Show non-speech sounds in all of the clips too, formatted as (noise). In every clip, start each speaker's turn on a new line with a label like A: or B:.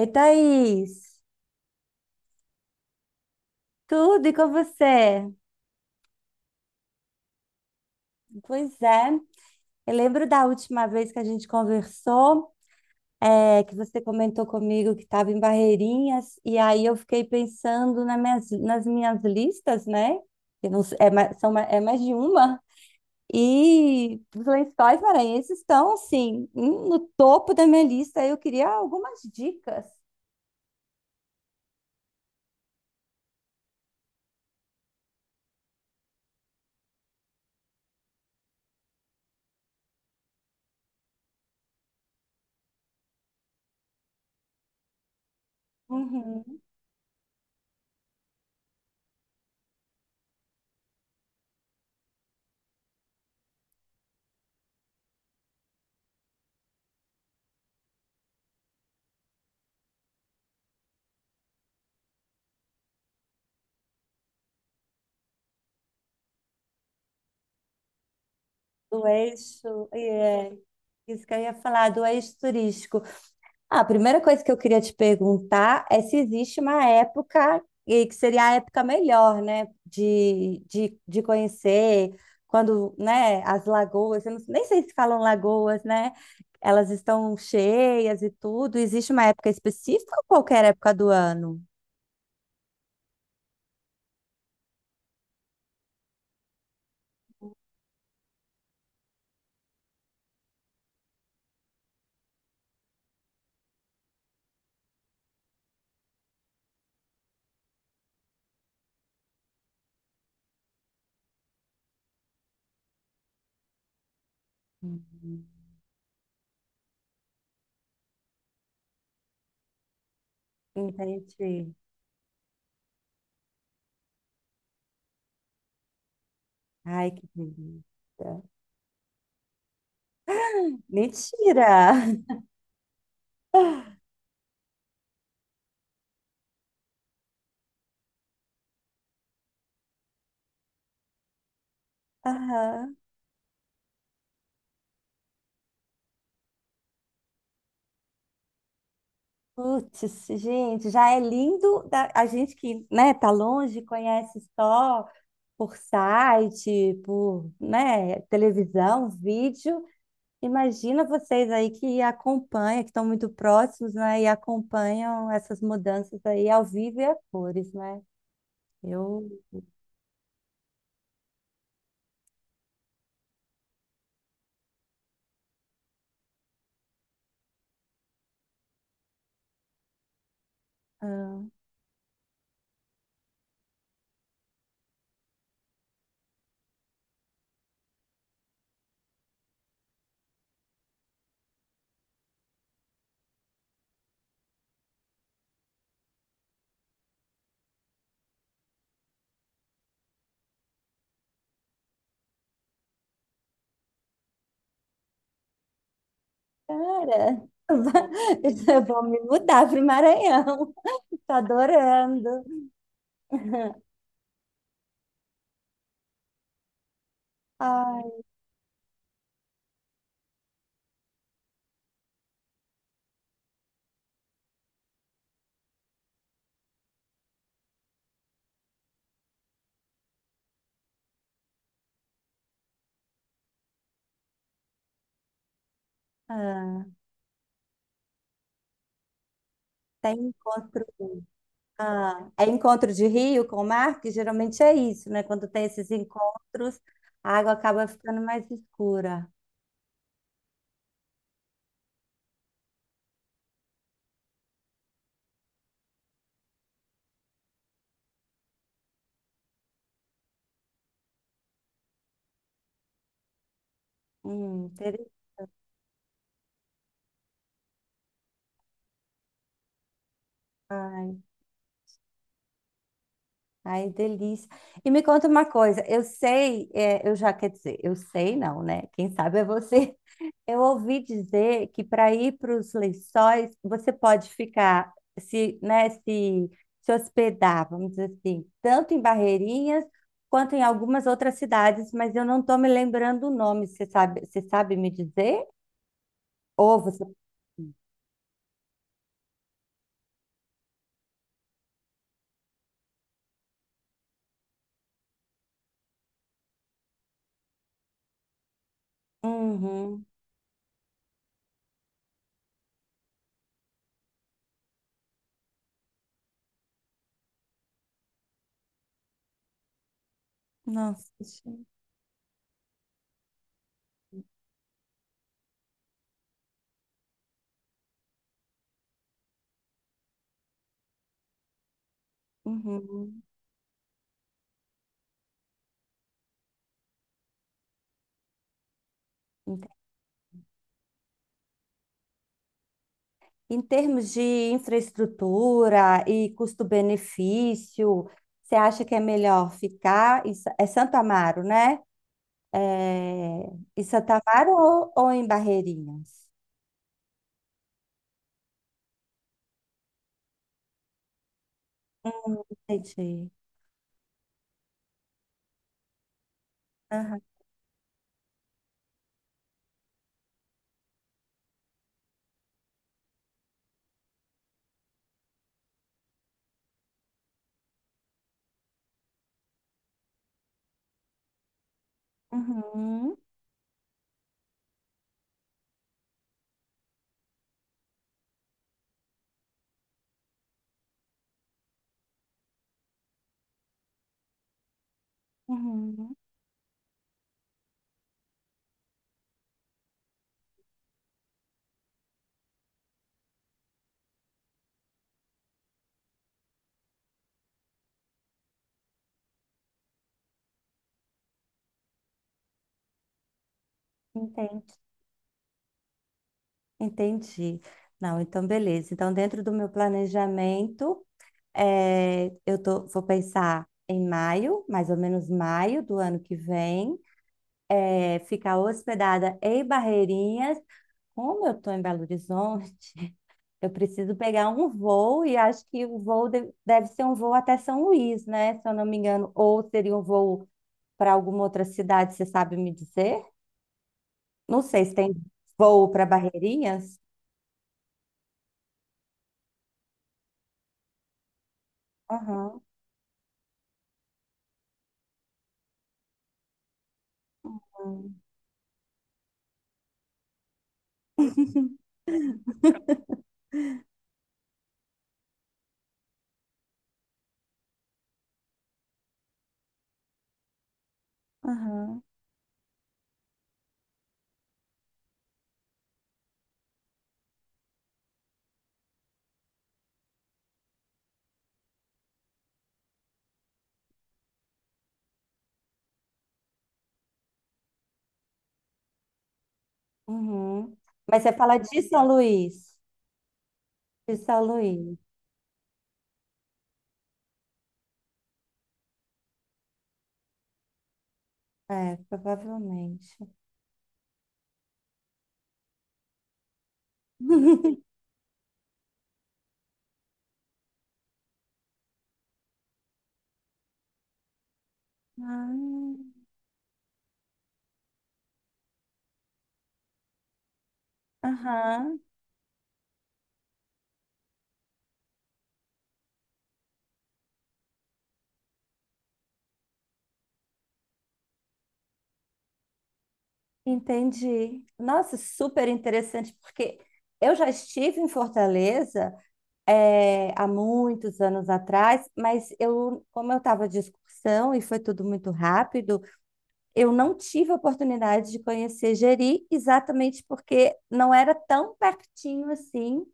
A: Ei, Thaís, tudo e com você? Pois é, eu lembro da última vez que a gente conversou, é, que você comentou comigo que estava em Barreirinhas, e aí eu fiquei pensando nas minhas listas, né? Que não s- é, mais- são, ma- é mais de uma, e os lençóis maranhenses estão, assim, no topo da minha lista, eu queria algumas dicas. Uhum. Do eixo, é, isso que eu ia falar, do eixo turístico. Ah, a primeira coisa que eu queria te perguntar é se existe uma época e que seria a época melhor, né, de conhecer quando, né, as lagoas, eu nem sei se falam lagoas, né, elas estão cheias e tudo. Existe uma época específica ou qualquer época do ano? Hum, Entendi. Ai, que delícia. Mentira! (laughs) Aham. Putz, gente, já é lindo a gente que, né, tá longe, conhece só por site, por, né, televisão, vídeo. Imagina vocês aí que acompanham, que estão muito próximos, né, e acompanham essas mudanças aí ao vivo e a cores, né? Eu, ah, cara, (laughs) eu vou me mudar para o Maranhão. (laughs) Tô adorando. (laughs) Ai, ah, tem encontro. Ah, é encontro de rio com o mar, que geralmente é isso, né? Quando tem esses encontros, a água acaba ficando mais escura. Interessante. Ai, delícia. E me conta uma coisa, eu sei, é, eu já, quer dizer, eu sei não, né? Quem sabe é você. Eu ouvi dizer que para ir para os lençóis, você pode ficar, se, né, se hospedar, vamos dizer assim, tanto em Barreirinhas quanto em algumas outras cidades, mas eu não estou me lembrando o nome. Você sabe me dizer? Ou você. Uhum. Nossa, gente. Uhum. Ent- Em termos de infraestrutura e custo-benefício, você acha que é melhor ficar em, Santo Amaro, né? É, em Santo Amaro ou em Barreirinhas? Entendi. Aham. Uhum. Uhum. Entendi. Entendi. Não, então beleza. Então, dentro do meu planejamento, vou pensar em maio, mais ou menos maio do ano que vem. Ficar hospedada em Barreirinhas. Como eu estou em Belo Horizonte, (laughs) eu preciso pegar um voo e acho que o voo deve ser um voo até São Luís, né? Se eu não me engano, ou seria um voo para alguma outra cidade, você sabe me dizer? Não sei se tem voo para Barreirinhas. Aham, aham, aham, uhum. Mas você fala de São Luís. De São Luís. É, provavelmente. (laughs) Ah, aham. Entendi. Nossa, super interessante, porque eu já estive em Fortaleza, eh, há muitos anos atrás, mas eu, como eu estava de excursão e foi tudo muito rápido, eu não tive a oportunidade de conhecer Jeri, exatamente porque não era tão pertinho assim,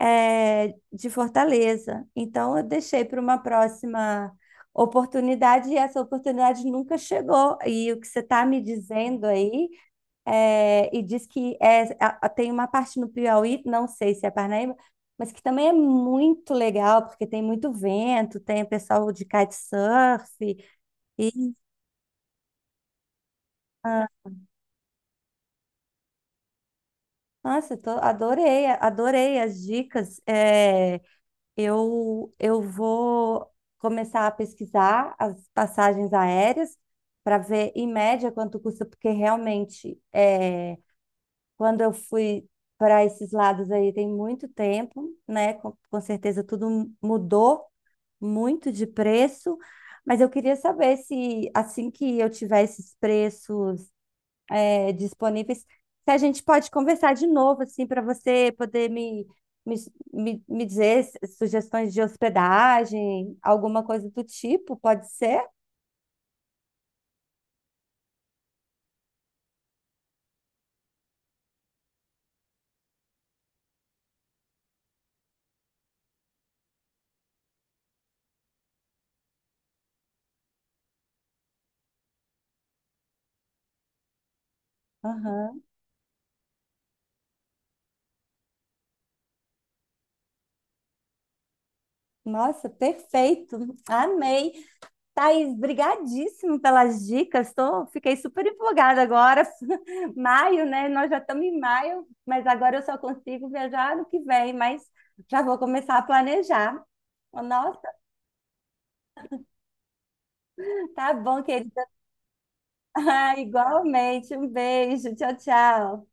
A: eh, de Fortaleza. Então, eu deixei para uma próxima oportunidade e essa oportunidade nunca chegou. E o que você está me dizendo aí é, e diz que é, tem uma parte no Piauí, não sei se é Parnaíba, mas que também é muito legal, porque tem muito vento, tem o pessoal de kitesurf. E, ah, nossa, adorei, adorei as dicas. É, eu vou começar a pesquisar as passagens aéreas para ver em média quanto custa, porque realmente. Quando eu fui para esses lados aí, tem muito tempo, né? Com certeza tudo mudou muito de preço, mas eu queria saber se assim que eu tiver esses preços disponíveis, se a gente pode conversar de novo, assim, para você poder me, me dizer sugestões de hospedagem, alguma coisa do tipo, pode ser? Aham. Nossa, perfeito. (laughs) Amei. Thaís, brigadíssimo pelas dicas. Fiquei super empolgada agora. (laughs) Maio, né? Nós já estamos em maio, mas agora eu só consigo viajar no que vem, mas já vou começar a planejar. Nossa, tá bom, querida. (laughs) Igualmente. Um beijo. Tchau, tchau.